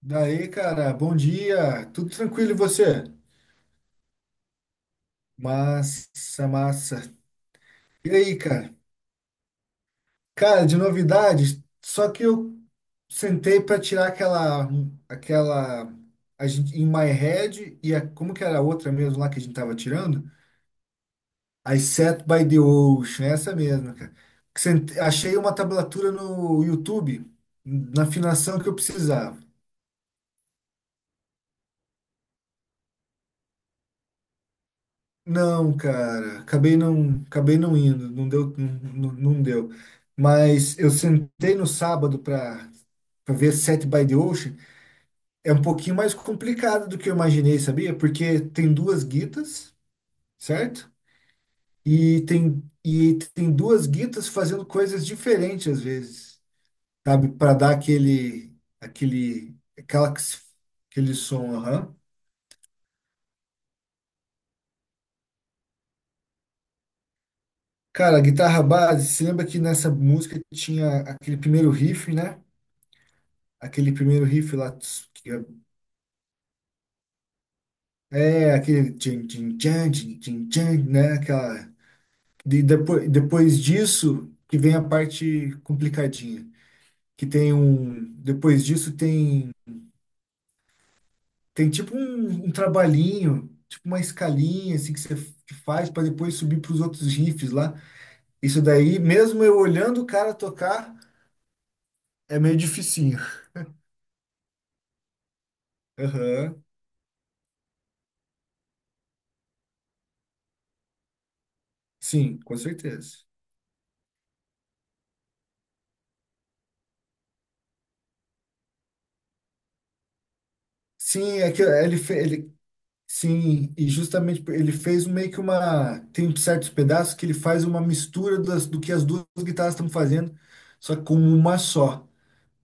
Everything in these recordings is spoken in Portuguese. Daí, cara, bom dia. Tudo tranquilo e você? Massa, massa. E aí, cara? Cara, de novidades, só que eu sentei para tirar aquela a gente in my head e a, como que era a outra mesmo lá que a gente tava tirando? I Sat by the Ocean, essa mesmo, cara. Achei uma tablatura no YouTube na afinação que eu precisava. Não, cara, acabei não indo, não deu, não deu. Mas eu sentei no sábado para ver Set by the Ocean. É um pouquinho mais complicado do que eu imaginei, sabia? Porque tem duas guitas, certo? E tem duas guitas fazendo coisas diferentes às vezes, sabe? Para dar aquele aquele aquela aquele som, aham. Cara, a guitarra base, se lembra que nessa música tinha aquele primeiro riff, né? Aquele primeiro riff lá, tss, que é, é aquele tchan, tchan, tchan, tchan, tchan, tchan, né? Aquela, depois disso que vem a parte complicadinha, que tem um, depois disso tem, tem tipo um trabalhinho, tipo uma escalinha assim que que faz para depois subir para os outros riffs lá. Isso daí, mesmo eu olhando o cara tocar, é meio dificinho. Aham. Sim, com certeza. Sim, é que ele, fe- ele Sim, e justamente ele fez um meio que uma. Tem certos pedaços que ele faz uma mistura das, do que as duas guitarras estão fazendo, só que como uma só,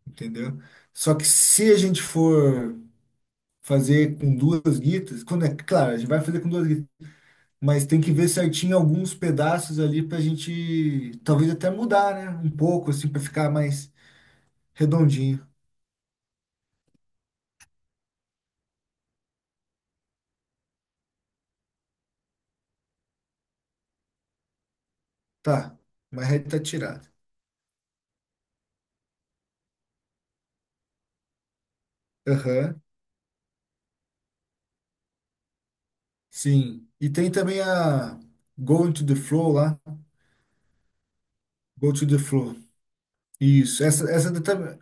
entendeu? Só que se a gente for fazer com duas guitas, quando é claro, a gente vai fazer com duas guitas, mas tem que ver certinho alguns pedaços ali pra gente talvez até mudar, né? Um pouco, assim, pra ficar mais redondinho. Tá, uma reta tirada. Aham, sim. E tem também a Going to the Flow lá. Go to the floor. Isso.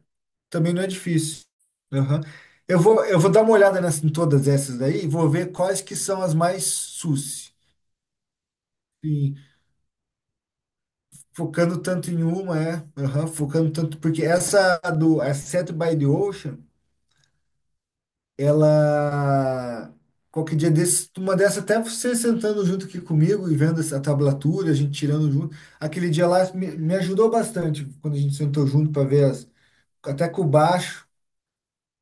Também não é difícil. Aham. Eu vou dar uma olhada nessa, em todas essas daí e vou ver quais que são as mais sus. Sim. Focando tanto em uma, é. Aham, focando tanto. Porque essa do a Set by the Ocean, ela. Qualquer dia desse, uma dessa, até você sentando junto aqui comigo e vendo essa tablatura, a gente tirando junto. Aquele dia lá me ajudou bastante quando a gente sentou junto para ver as, até com o baixo,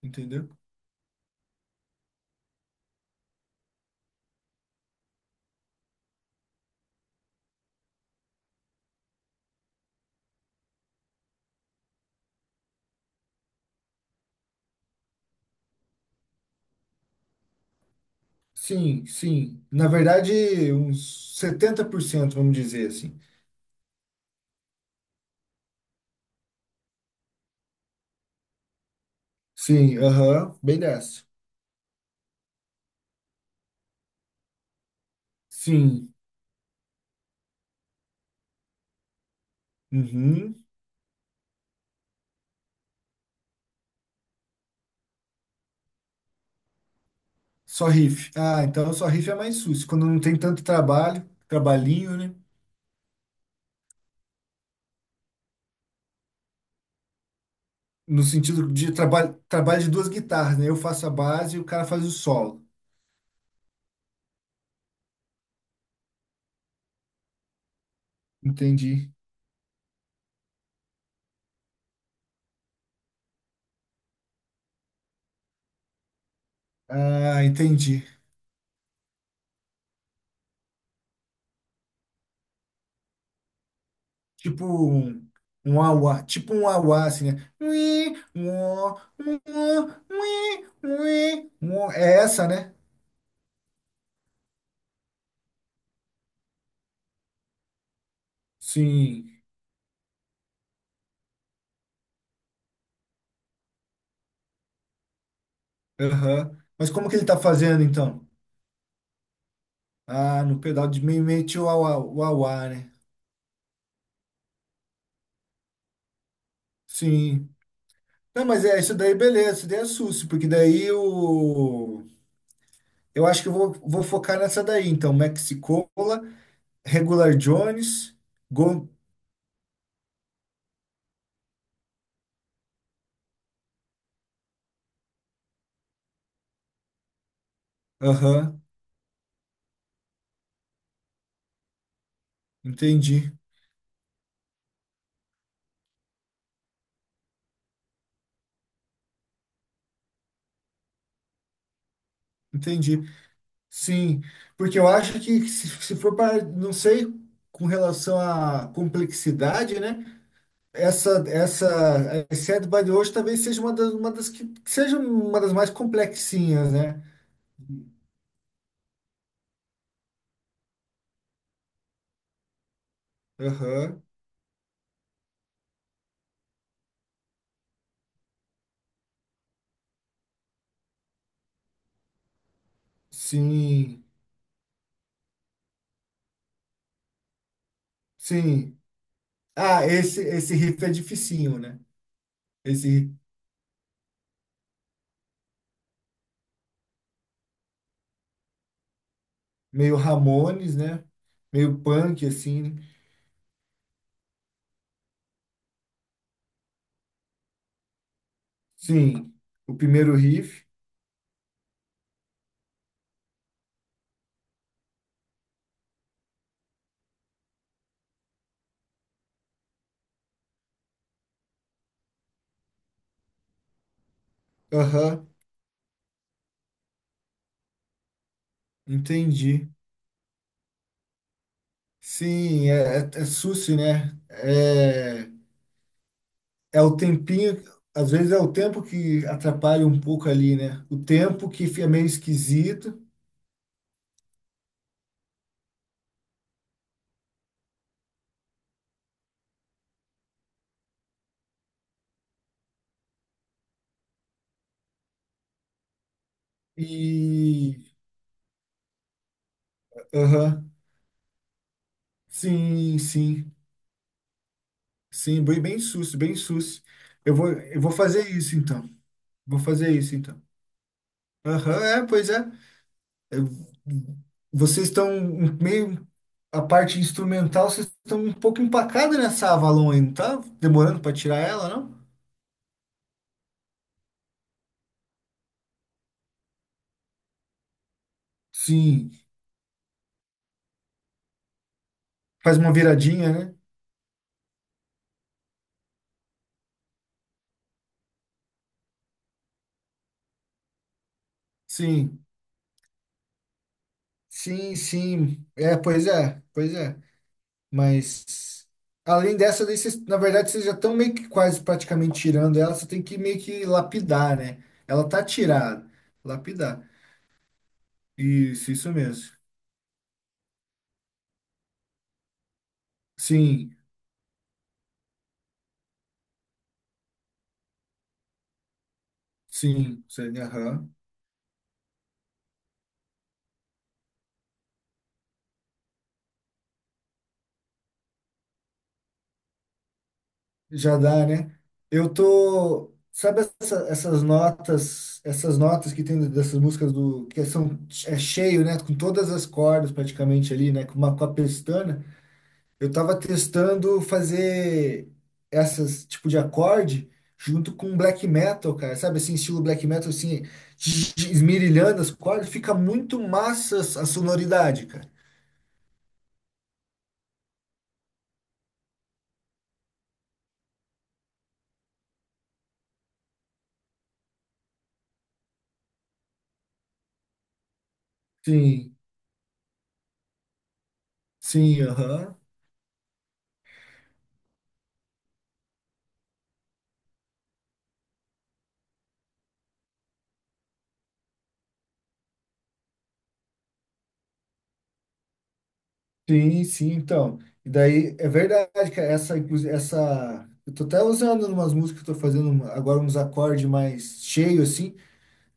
entendeu? Sim, sim. Na verdade, uns 70%, vamos dizer assim. Sim, aham, bem dessa. Sim, uhum. Só riff. Ah, então só riff é mais sujo, quando não tem tanto trabalhinho, né? No sentido de trabalho de duas guitarras, né? Eu faço a base e o cara faz o solo. Entendi. Ah, entendi. Tipo um auá, tipo um auá, assim, né? Ui, uó, uó, ui, ui, uó. É essa, né? Sim, aham. Mas como que ele tá fazendo então? Ah, no pedal de mimete o auá, né? Sim. Não, mas é isso daí, beleza, isso daí é susto, porque daí o. Eu acho que vou focar nessa daí, então. Mexicola, Regular Jones, Go. Aham, entendi, entendi. Sim, porque eu acho que se for para, não sei, com relação à complexidade, né? A Sad by the Wash talvez seja uma das que seja uma das mais complexinhas, né? Aham, sim, sim. Ah, esse riff é dificinho, né? Esse riff meio Ramones, né? Meio punk, assim, né? Sim, o primeiro riff. Aham, entendi. Sim, é sucio, né? É, é o tempinho, às vezes é o tempo que atrapalha um pouco ali, né? O tempo que é meio esquisito. E. Aham. Sim, sim. Sim, bem, bem susto, bem susto. Eu vou fazer isso então. Vou fazer isso então. Aham, é, pois é. Eu- vocês estão um, meio. A parte instrumental, vocês estão um pouco empacados nessa Avalon aí, não tá? Demorando para tirar ela, não? Sim. Faz uma viradinha, né? Sim. Sim, sim. É, pois é, pois é. Mas além dessa, daí vocês, na verdade, vocês já estão meio que quase praticamente tirando ela, você tem que meio que lapidar, né? Ela tá tirada. Lapidar. Isso mesmo. Sim, sim, sim, aham. Já dá, né? Eu tô. Sabe essas notas que tem dessas músicas do que são é cheio, né? Com todas as cordas praticamente ali, né? Com uma com a pestana. Eu tava testando fazer essas tipo de acorde junto com black metal, cara. Sabe assim, estilo black metal assim, esmirilhando as cordas, fica muito massa a sonoridade, cara. Sim, sim, aham. Sim, sim, então. E daí é verdade, cara, essa, inclusive essa eu tô até usando, umas músicas que eu tô fazendo agora, uns acordes mais cheios assim.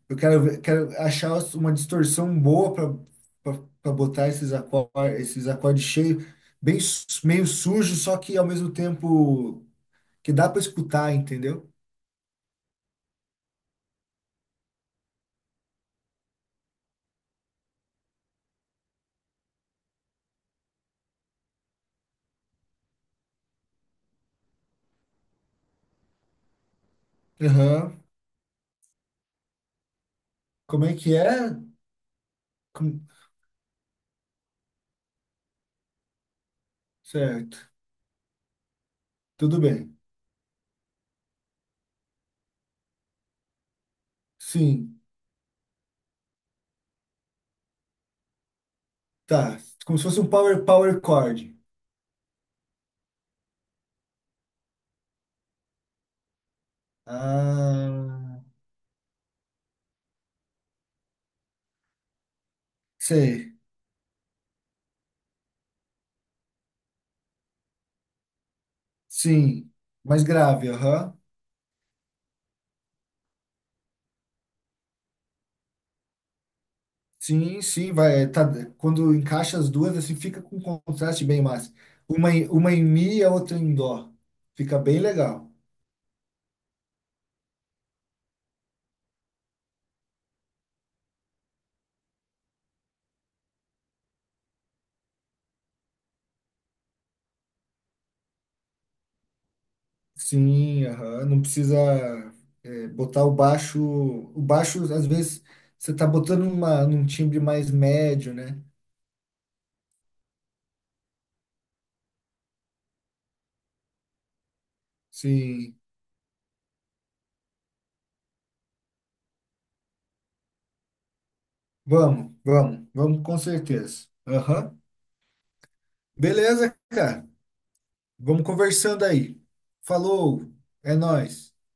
Eu quero, quero achar uma distorção boa para botar esses acordes cheios, bem, meio sujo, só que ao mesmo tempo que dá para escutar, entendeu? Aham. Como é que é? Com- Certo. Tudo bem. Sim. Tá. Como se fosse um power chord. Ah, sei. Sim. Mais grave, aham. Sim, sim, vai. É, tá, quando encaixa as duas, assim, fica com um contraste bem massa. Uma, uma em mi e a outra em dó. Fica bem legal. Sim, aham, não precisa é, botar o baixo. O baixo, às vezes, você tá botando uma, num timbre mais médio, né? Sim. Vamos, vamos, vamos, com certeza. Aham. Beleza, cara. Vamos conversando aí. Falou, é nóis.